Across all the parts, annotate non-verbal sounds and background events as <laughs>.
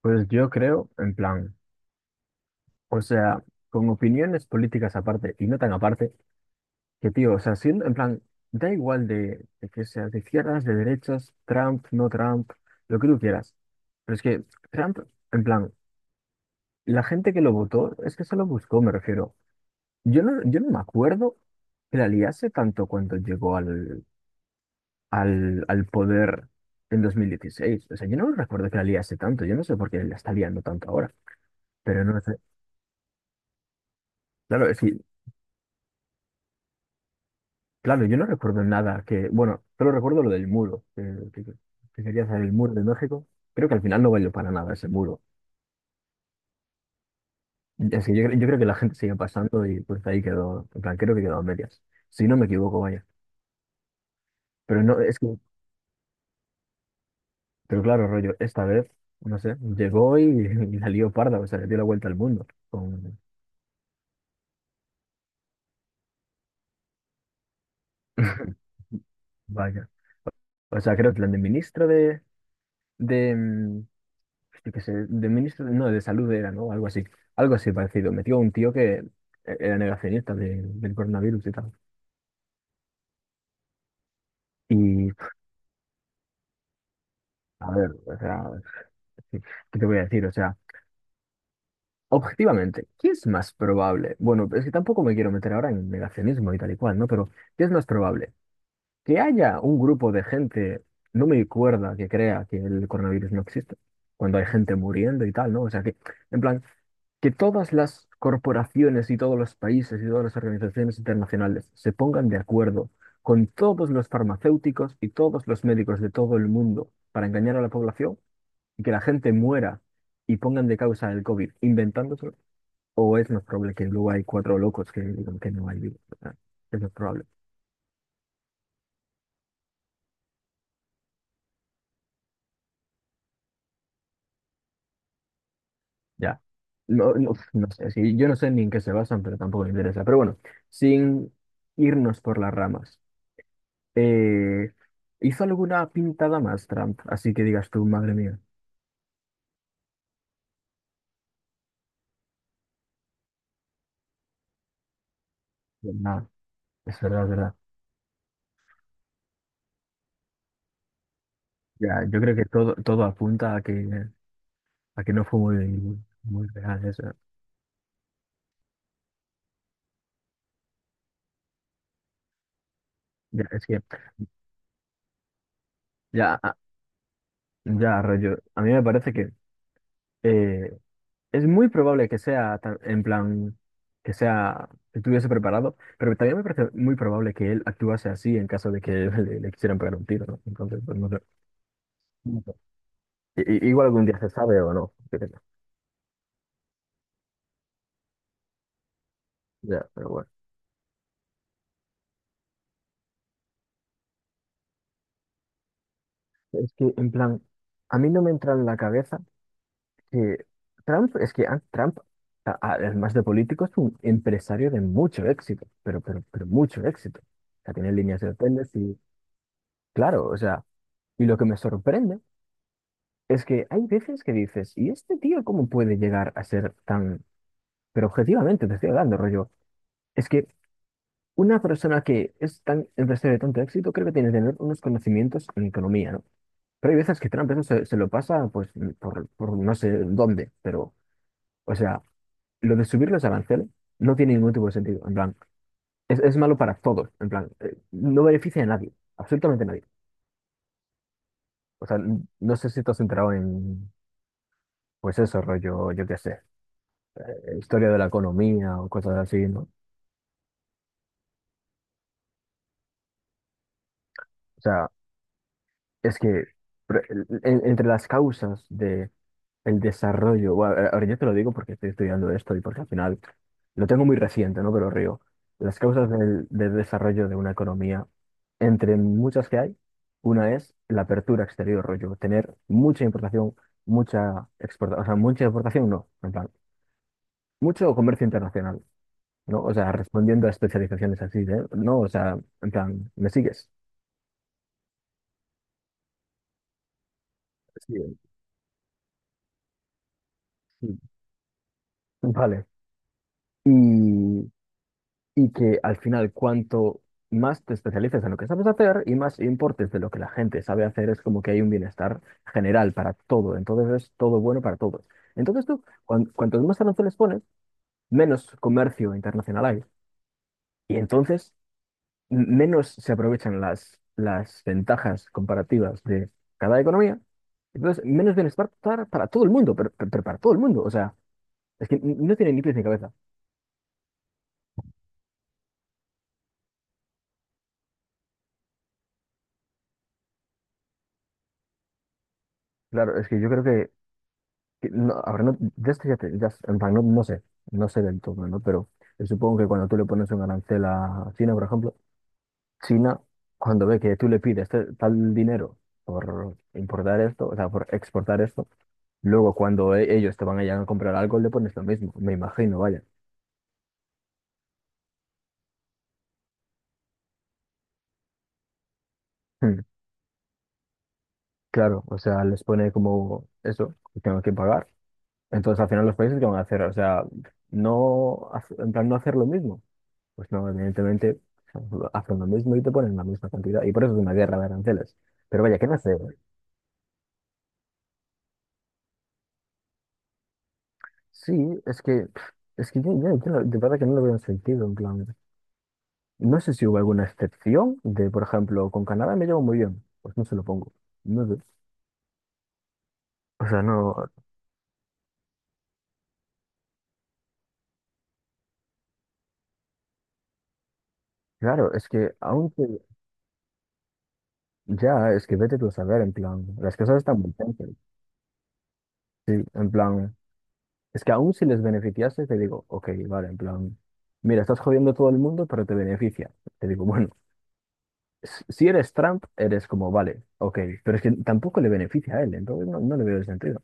Pues yo creo, en plan, o sea, con opiniones políticas aparte y no tan aparte, que tío, o sea, siendo, en plan, da igual de que seas de izquierdas, de derechas, Trump, no Trump, lo que tú quieras. Pero es que Trump, en plan, la gente que lo votó es que se lo buscó, me refiero. Yo no me acuerdo que la liase tanto cuando llegó al poder en 2016. O sea, yo no recuerdo que la liase tanto, yo no sé por qué la está liando tanto ahora, pero no sé. Claro, es que claro, yo no recuerdo nada que, bueno, solo recuerdo lo del muro, que- que quería hacer el muro de México. Creo que al final no valió para nada ese muro. Es que yo, yo creo que la gente sigue pasando y pues ahí quedó, en plan, creo que quedó a medias. Si no me equivoco, vaya. Pero no, es que, pero claro, rollo, esta vez, no sé, llegó y, <laughs> y la lió parda, o sea, le dio la vuelta al mundo. Con... <laughs> Vaya. O sea, creo que plan de ministro de, de, mm, yo qué sé, de ministro, no, de salud era, ¿no? Algo así parecido. Metió a un tío que era del coronavirus y tal. Y, a ver, o sea, ¿qué qué te voy a decir? O sea, objetivamente, ¿qué es más probable? Bueno, es que tampoco me quiero meter ahora en negacionismo y tal y cual, ¿no? Pero, ¿qué es más probable? Que haya un grupo de gente, no me acuerdo que crea que el coronavirus no existe, cuando hay gente muriendo y tal, ¿no? O sea que, en plan, que todas las corporaciones y todos los países y todas las organizaciones internacionales se pongan de acuerdo con todos los farmacéuticos y todos los médicos de todo el mundo para engañar a la población y que la gente muera y pongan de causa el COVID inventándoselo, o es más probable que luego hay cuatro locos que digan que no hay virus. O es más probable. Ya. No, no, <laughs> no sé, sí, yo no sé ni en qué se basan, pero tampoco me interesa. Pero bueno, sin irnos por las ramas, eh, ¿hizo alguna pintada más Trump? Así que digas tú, madre mía. Nada, es verdad, es verdad. Ya, yo creo que todo apunta a que no fue muy real eso. Ya, es que, ya, ya, rollo, a mí me parece que eh, es muy probable que sea tan- en plan, que estuviese preparado, pero también me parece muy probable que él actuase así en caso de que <laughs> le quisieran pegar un tiro, ¿no? Entonces, pues no sé. No sé. Igual algún día se sabe o no. Yo qué sé. Ya, pero bueno. Es que, en plan, a mí no me entra en la cabeza que Trump, es que Trump, además de político, es un empresario de mucho éxito, pero, pero mucho éxito. O sea, tiene líneas de hoteles y, claro, o sea, y lo que me sorprende. Es que hay veces que dices, ¿y este tío cómo puede llegar a ser tan... Pero objetivamente te estoy hablando, rollo. Es que una persona que es tan empresaria de tanto éxito, creo que tiene que tener unos conocimientos en economía, ¿no? Pero hay veces que Trump eso se lo pasa, pues, por no sé dónde, pero, o sea, lo de subir los aranceles no tiene ningún tipo de sentido, en plan, es malo para todos, en plan, no beneficia a nadie, absolutamente a nadie. O sea, no sé si te has enterado en, pues eso, rollo, yo qué sé historia de la economía o cosas así, ¿no? O sea, es que pre- entre las causas de el desarrollo, bueno, ahora yo te lo digo porque estoy estudiando esto y porque al final lo tengo muy reciente, ¿no? Pero río, las causas del desarrollo de una economía, entre muchas que hay, una es la apertura exterior, rollo, tener mucha importación, mucha exportación, o sea, mucha exportación no, en plan, mucho comercio internacional, ¿no? O sea, respondiendo a especializaciones así, ¿eh? No, o sea, en plan, ¿me sigues? Sí, sí. Vale. Y, y que al final, cuanto más te especialices en lo que sabes hacer y más importes de lo que la gente sabe hacer, es como que hay un bienestar general para todo. Entonces es todo bueno para todos. Entonces tú, cuantos más aranceles pones, menos comercio internacional hay. Y entonces menos se aprovechan las ventajas comparativas de cada economía. Entonces, menos bienestar para todo el mundo, pero para todo el mundo. O sea, es que no tiene ni pies ni cabeza. Claro, es que yo creo que no, ahora no, ya estoy, ya, en plan, no, no sé, no sé del todo, ¿no? Pero yo supongo que cuando tú le pones un arancel a China, por ejemplo, China, cuando ve que tú le pides tal dinero por importar esto, o sea, por exportar esto, luego cuando ellos te van a llegar a comprar algo, le pones lo mismo, me imagino, vaya. Hmm, claro, o sea, les pone como eso, que tengo que pagar. Entonces al final los países que van a hacer, o sea, no, en plan, no hacer lo mismo. Pues no, evidentemente, hacen lo mismo y te ponen la misma cantidad. Y por eso es una guerra de aranceles. Pero vaya, ¿qué no sé? Sí, es que, pf, es que yo, de verdad que no lo veo en sentido, en plan. No sé si hubo alguna excepción de, por ejemplo, con Canadá me llevo muy bien. Pues no se lo pongo. No sé. O sea, no. Claro, es que aunque ya, es que vete tú a saber, en plan, las cosas están muy tensas. Sí, en plan, es que aún si les beneficiase, te digo, ok, vale, en plan, mira, estás jodiendo a todo el mundo, pero te beneficia. Te digo, <laughs> bueno. Si eres Trump, eres como, vale, ok, pero es que tampoco le beneficia a él, entonces no, no le veo el sentido.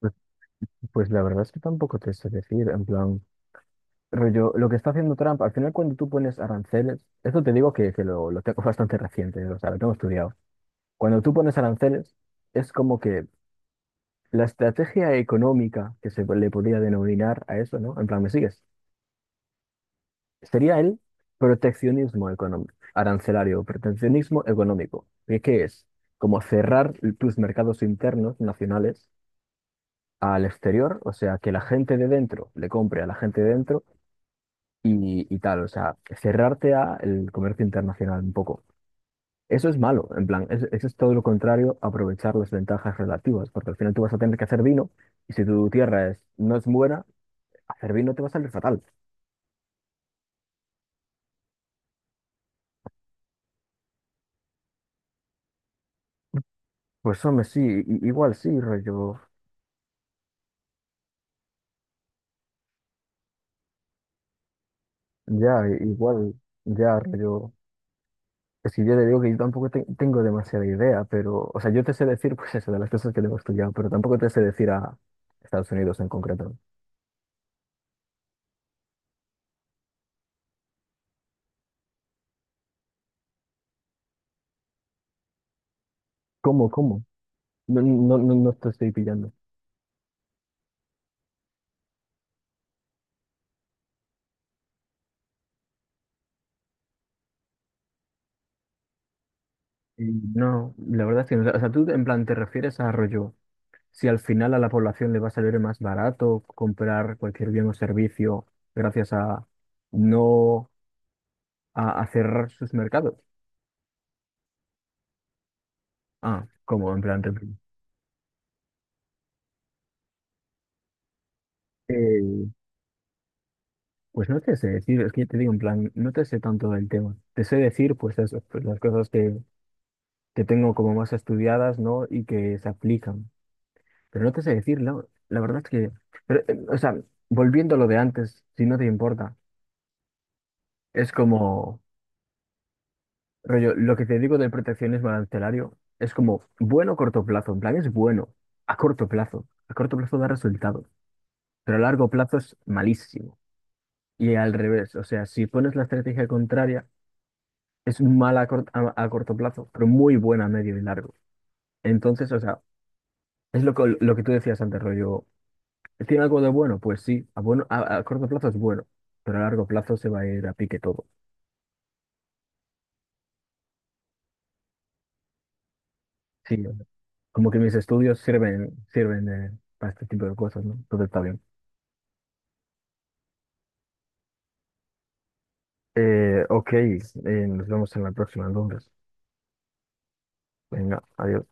Pues, pues la verdad es que tampoco te sé decir, en plan, rollo, lo que está haciendo Trump, al final cuando tú pones aranceles, esto te digo que lo tengo <laughs> bastante reciente, o sea, lo tengo estudiado. Cuando tú pones aranceles, es como que la estrategia económica que se le podría denominar a eso, ¿no? En plan, ¿me sigues? Sería el proteccionismo económico, arancelario, proteccionismo económico. ¿Y qué es? Como cerrar tus mercados internos nacionales al exterior, o sea, que la gente de dentro le compre a la gente de dentro y tal, o sea, cerrarte al comercio internacional un poco. Eso es malo, en plan, eso es todo lo contrario, a aprovechar las ventajas relativas, porque al final tú vas a tener que hacer vino y si tu tierra es, no es buena, hacer vino te va a salir fatal. Pues hombre, sí, igual sí, rollo. Ya, igual, ya, yo, es que yo le digo que yo tampoco tengo demasiada idea, pero, o sea, yo te sé decir, pues eso, de las cosas que debo estudiar, pero tampoco te sé decir a Estados Unidos en concreto. ¿Cómo, cómo? No te estoy pillando. Y no, la verdad es que, no. O sea, tú en plan te refieres a rollo, si al final a la población le va a salir más barato comprar cualquier bien o servicio gracias a no a cerrar sus mercados. Ah, ¿cómo? En plan, eh, pues no te sé decir, es que te digo en plan, no te sé tanto del tema. Te sé decir, pues eso, pues las cosas que tengo como más estudiadas, ¿no? Y que se aplican. Pero no te sé decir, la verdad es que, pero, o sea, volviendo a lo de antes, si no te importa, es como, rollo, lo que te digo del proteccionismo arancelario es como bueno a corto plazo, en plan es bueno, a corto plazo da resultados, pero a largo plazo es malísimo. Y al revés, o sea, si pones la estrategia contraria, es mala a, a corto plazo, pero muy buena a medio y largo. Entonces, o sea, es lo que tú decías antes, rollo. ¿Tiene algo de bueno? Pues sí, a, bueno, a corto plazo es bueno, pero a largo plazo se va a ir a pique todo. Sí, o sea, como que mis estudios sirven, sirven para este tipo de cosas, ¿no? Entonces está bien. Ok, nos vemos en la próxima entonces. Venga, adiós.